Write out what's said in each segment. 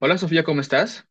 Hola Sofía, ¿cómo estás?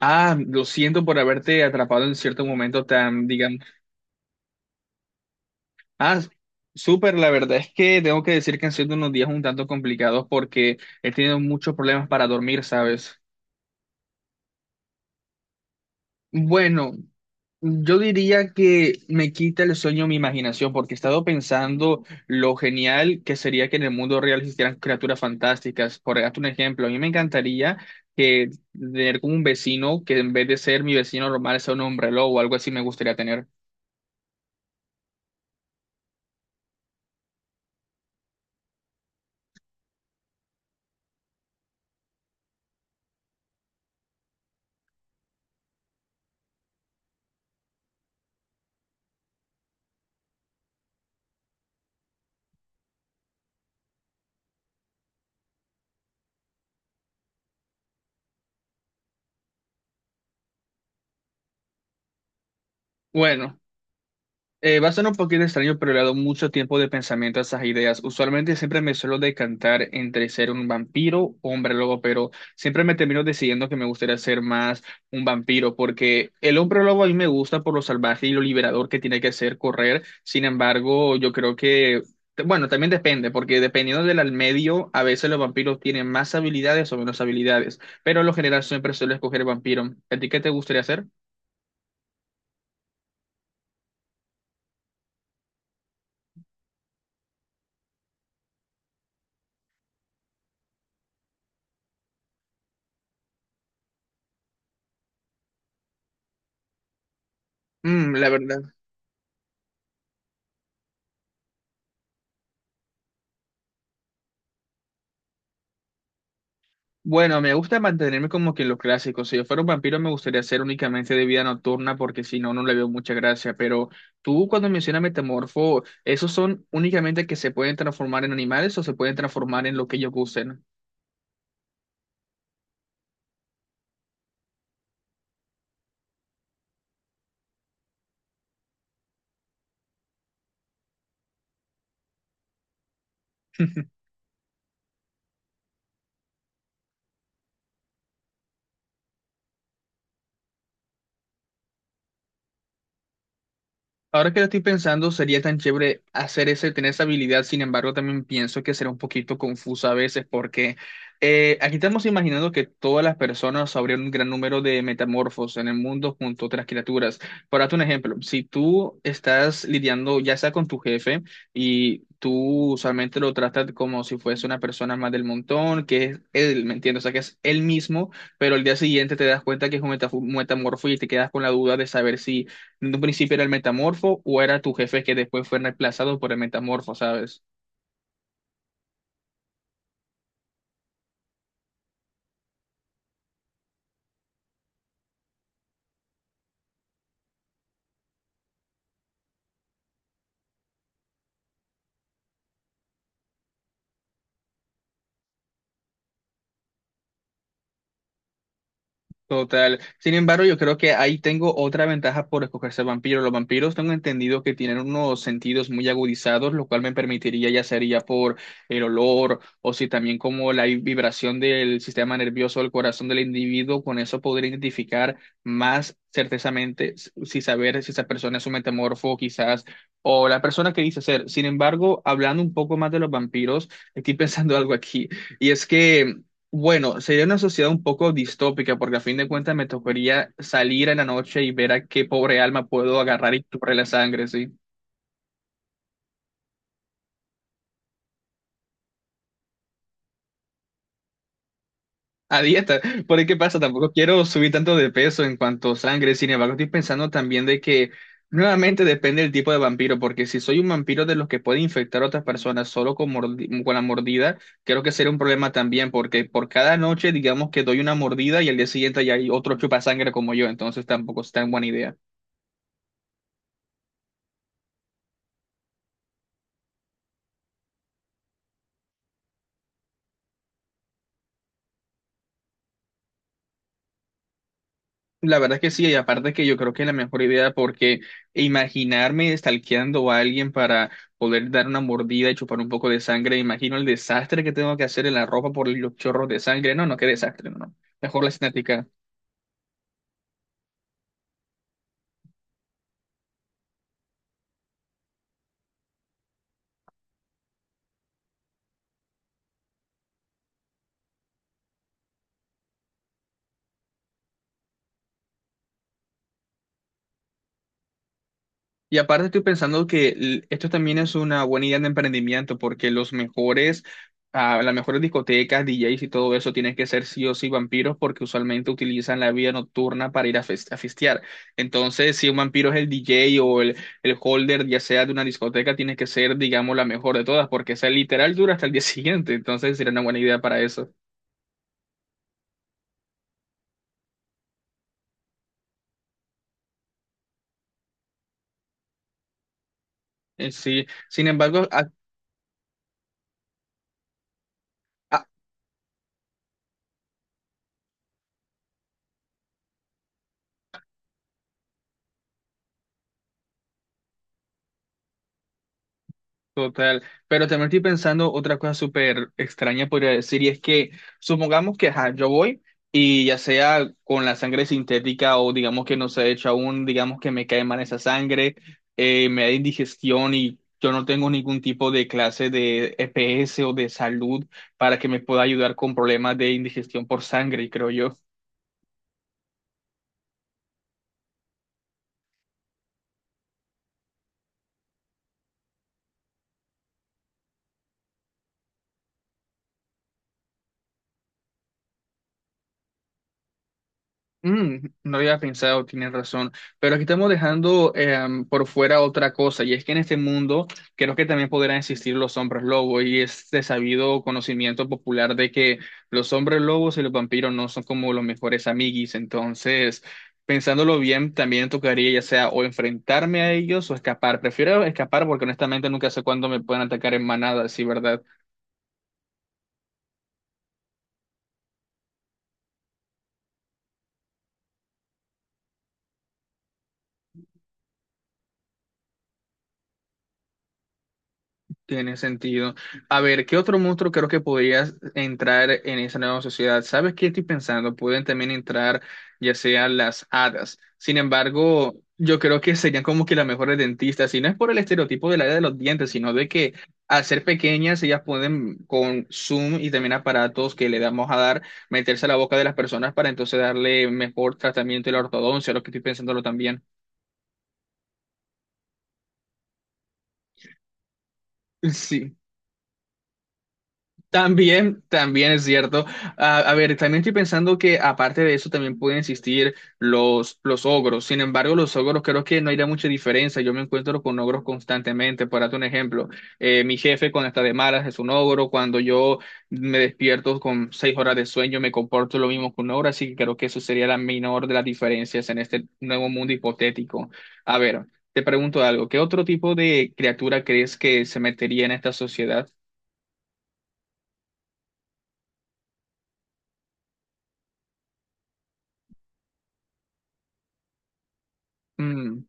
Ah, lo siento por haberte atrapado en cierto momento tan, digamos. Ah, Súper, la verdad es que tengo que decir que han sido unos días un tanto complicados porque he tenido muchos problemas para dormir, ¿sabes? Bueno, yo diría que me quita el sueño mi imaginación porque he estado pensando lo genial que sería que en el mundo real existieran criaturas fantásticas. Por darte un ejemplo, a mí me encantaría que tener como un vecino que en vez de ser mi vecino normal sea un hombre lobo o algo así me gustaría tener. Bueno, va a sonar un poquito extraño, pero le he dado mucho tiempo de pensamiento a esas ideas. Usualmente siempre me suelo decantar entre ser un vampiro o hombre lobo, pero siempre me termino decidiendo que me gustaría ser más un vampiro, porque el hombre lobo a mí me gusta por lo salvaje y lo liberador que tiene que ser correr. Sin embargo, yo creo que, bueno, también depende, porque dependiendo del al medio, a veces los vampiros tienen más habilidades o menos habilidades, pero en lo general siempre suelo escoger vampiro. ¿A ti qué te gustaría hacer? Mm, la verdad. Bueno, me gusta mantenerme como que en los clásicos. Si yo fuera un vampiro, me gustaría ser únicamente de vida nocturna, porque si no, no le veo mucha gracia. Pero tú, cuando mencionas metamorfo, ¿esos son únicamente que se pueden transformar en animales o se pueden transformar en lo que ellos gusten? Ahora que lo estoy pensando, sería tan chévere hacer ese, tener esa habilidad. Sin embargo, también pienso que será un poquito confuso a veces porque aquí estamos imaginando que todas las personas habría un gran número de metamorfos en el mundo junto a otras criaturas. Por darte un ejemplo, si tú estás lidiando ya sea con tu jefe y tú usualmente lo tratas como si fuese una persona más del montón, que es él, ¿me entiendes? O sea, que es él mismo, pero al día siguiente te das cuenta que es un metamorfo y te quedas con la duda de saber si en un principio era el metamorfo o era tu jefe que después fue reemplazado por el metamorfo, ¿sabes? Total. Sin embargo, yo creo que ahí tengo otra ventaja por escogerse vampiro. Los vampiros tengo entendido que tienen unos sentidos muy agudizados, lo cual me permitiría, ya sería por el olor o si también como la vibración del sistema nervioso del corazón del individuo, con eso podría identificar más certezamente si saber si esa persona es un metamorfo quizás o la persona que dice ser. Sin embargo, hablando un poco más de los vampiros, estoy pensando algo aquí y es que bueno, sería una sociedad un poco distópica porque a fin de cuentas me tocaría salir en la noche y ver a qué pobre alma puedo agarrar y chuparle la sangre, sí. A dieta, por ahí qué pasa, tampoco quiero subir tanto de peso en cuanto a sangre, sin embargo estoy pensando también de que nuevamente depende del tipo de vampiro, porque si soy un vampiro de los que puede infectar a otras personas solo con, con la mordida, creo que sería un problema también, porque por cada noche digamos que doy una mordida y al día siguiente ya hay otro chupa sangre como yo, entonces tampoco es tan buena idea. La verdad que sí, y aparte que yo creo que es la mejor idea porque imaginarme stalkeando a alguien para poder dar una mordida y chupar un poco de sangre, imagino el desastre que tengo que hacer en la ropa por los chorros de sangre. No, no, qué desastre, no, no. Mejor la cinética. Y aparte estoy pensando que esto también es una buena idea de emprendimiento porque los mejores, ah, las mejores discotecas, DJs y todo eso tienen que ser sí o sí vampiros porque usualmente utilizan la vida nocturna para ir a, a fistear. Entonces, si un vampiro es el DJ o el holder, ya sea de una discoteca, tiene que ser, digamos, la mejor de todas porque esa literal dura hasta el día siguiente. Entonces, sería una buena idea para eso. Sí, sin embargo, total, pero también estoy pensando otra cosa súper extraña, podría decir, y es que supongamos que ajá, yo voy y ya sea con la sangre sintética o digamos que no se ha hecho aún, digamos que me cae mal esa sangre, me da indigestión y yo no tengo ningún tipo de clase de EPS o de salud para que me pueda ayudar con problemas de indigestión por sangre, creo yo. Mm, no había pensado, tienes razón, pero aquí estamos dejando por fuera otra cosa, y es que en este mundo creo que también podrán existir los hombres lobos, y es de sabido conocimiento popular de que los hombres lobos y los vampiros no son como los mejores amiguis, entonces, pensándolo bien, también tocaría ya sea o enfrentarme a ellos o escapar, prefiero escapar porque honestamente nunca sé cuándo me pueden atacar en manada, sí, ¿verdad? Tiene sentido. A ver, ¿qué otro monstruo creo que podrías entrar en esa nueva sociedad? ¿Sabes qué estoy pensando? Pueden también entrar ya sean las hadas. Sin embargo, yo creo que serían como que las mejores dentistas, y no es por el estereotipo del área de los dientes, sino de que al ser pequeñas ellas pueden con Zoom y también aparatos que le damos a dar, meterse a la boca de las personas para entonces darle mejor tratamiento y la ortodoncia, lo que estoy pensándolo también. Sí. También, también es cierto. A ver, también estoy pensando que aparte de eso también pueden existir los ogros. Sin embargo, los ogros creo que no hay mucha diferencia. Yo me encuentro con ogros constantemente. Por darte un ejemplo, mi jefe cuando está de malas es un ogro. Cuando yo me despierto con seis horas de sueño me comporto lo mismo que un ogro. Así que creo que eso sería la menor de las diferencias en este nuevo mundo hipotético. A ver, te pregunto algo. ¿Qué otro tipo de criatura crees que se metería en esta sociedad? Mm.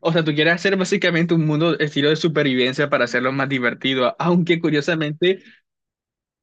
O sea, tú quieres hacer básicamente un mundo estilo de supervivencia para hacerlo más divertido, aunque curiosamente,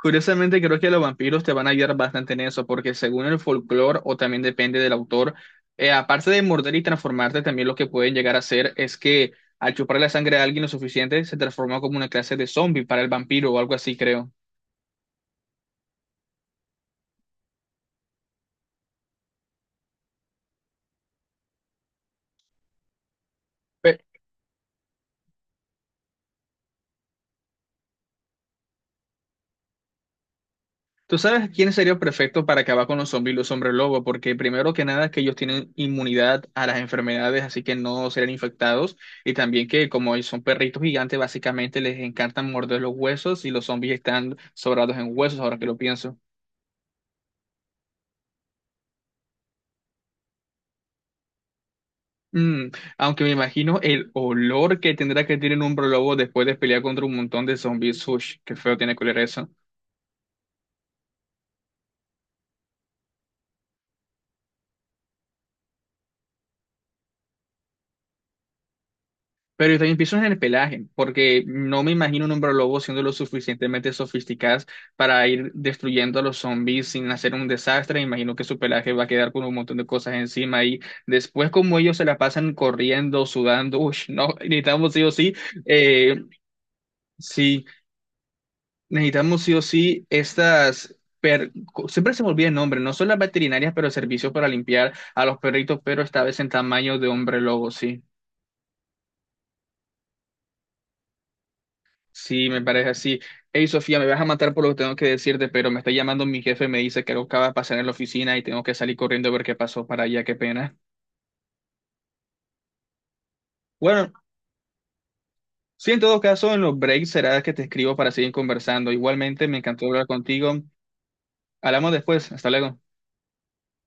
curiosamente creo que los vampiros te van a ayudar bastante en eso, porque según el folclore, o también depende del autor, aparte de morder y transformarte, también lo que pueden llegar a hacer es que al chupar la sangre a alguien lo suficiente, se transforma como una clase de zombie para el vampiro o algo así, creo. Pe- ¿Tú sabes quién sería perfecto para acabar con los zombies y los hombres lobo? Porque primero que nada es que ellos tienen inmunidad a las enfermedades, así que no serán infectados. Y también que como ellos son perritos gigantes, básicamente les encantan morder los huesos y los zombies están sobrados en huesos, ahora que lo pienso. Mm, aunque me imagino el olor que tendrá que tener un hombre lobo después de pelear contra un montón de zombies. Ush, qué feo tiene que oler eso. Pero yo también pienso en el pelaje, porque no me imagino un hombre lobo siendo lo suficientemente sofisticadas para ir destruyendo a los zombies sin hacer un desastre. Imagino que su pelaje va a quedar con un montón de cosas encima y después como ellos se la pasan corriendo, sudando, uy, no, necesitamos sí o sí, eh, sí, necesitamos sí o sí estas... siempre se me olvida el nombre, no son las veterinarias, pero servicios para limpiar a los perritos, pero esta vez en tamaño de hombre lobo, sí. Sí, me parece así. Hey, Sofía, me vas a matar por lo que tengo que decirte, pero me está llamando mi jefe, me dice que algo acaba de pasar en la oficina y tengo que salir corriendo a ver qué pasó para allá, qué pena. Bueno, sí, en todo caso, en los breaks será que te escribo para seguir conversando. Igualmente, me encantó hablar contigo. Hablamos después. Hasta luego.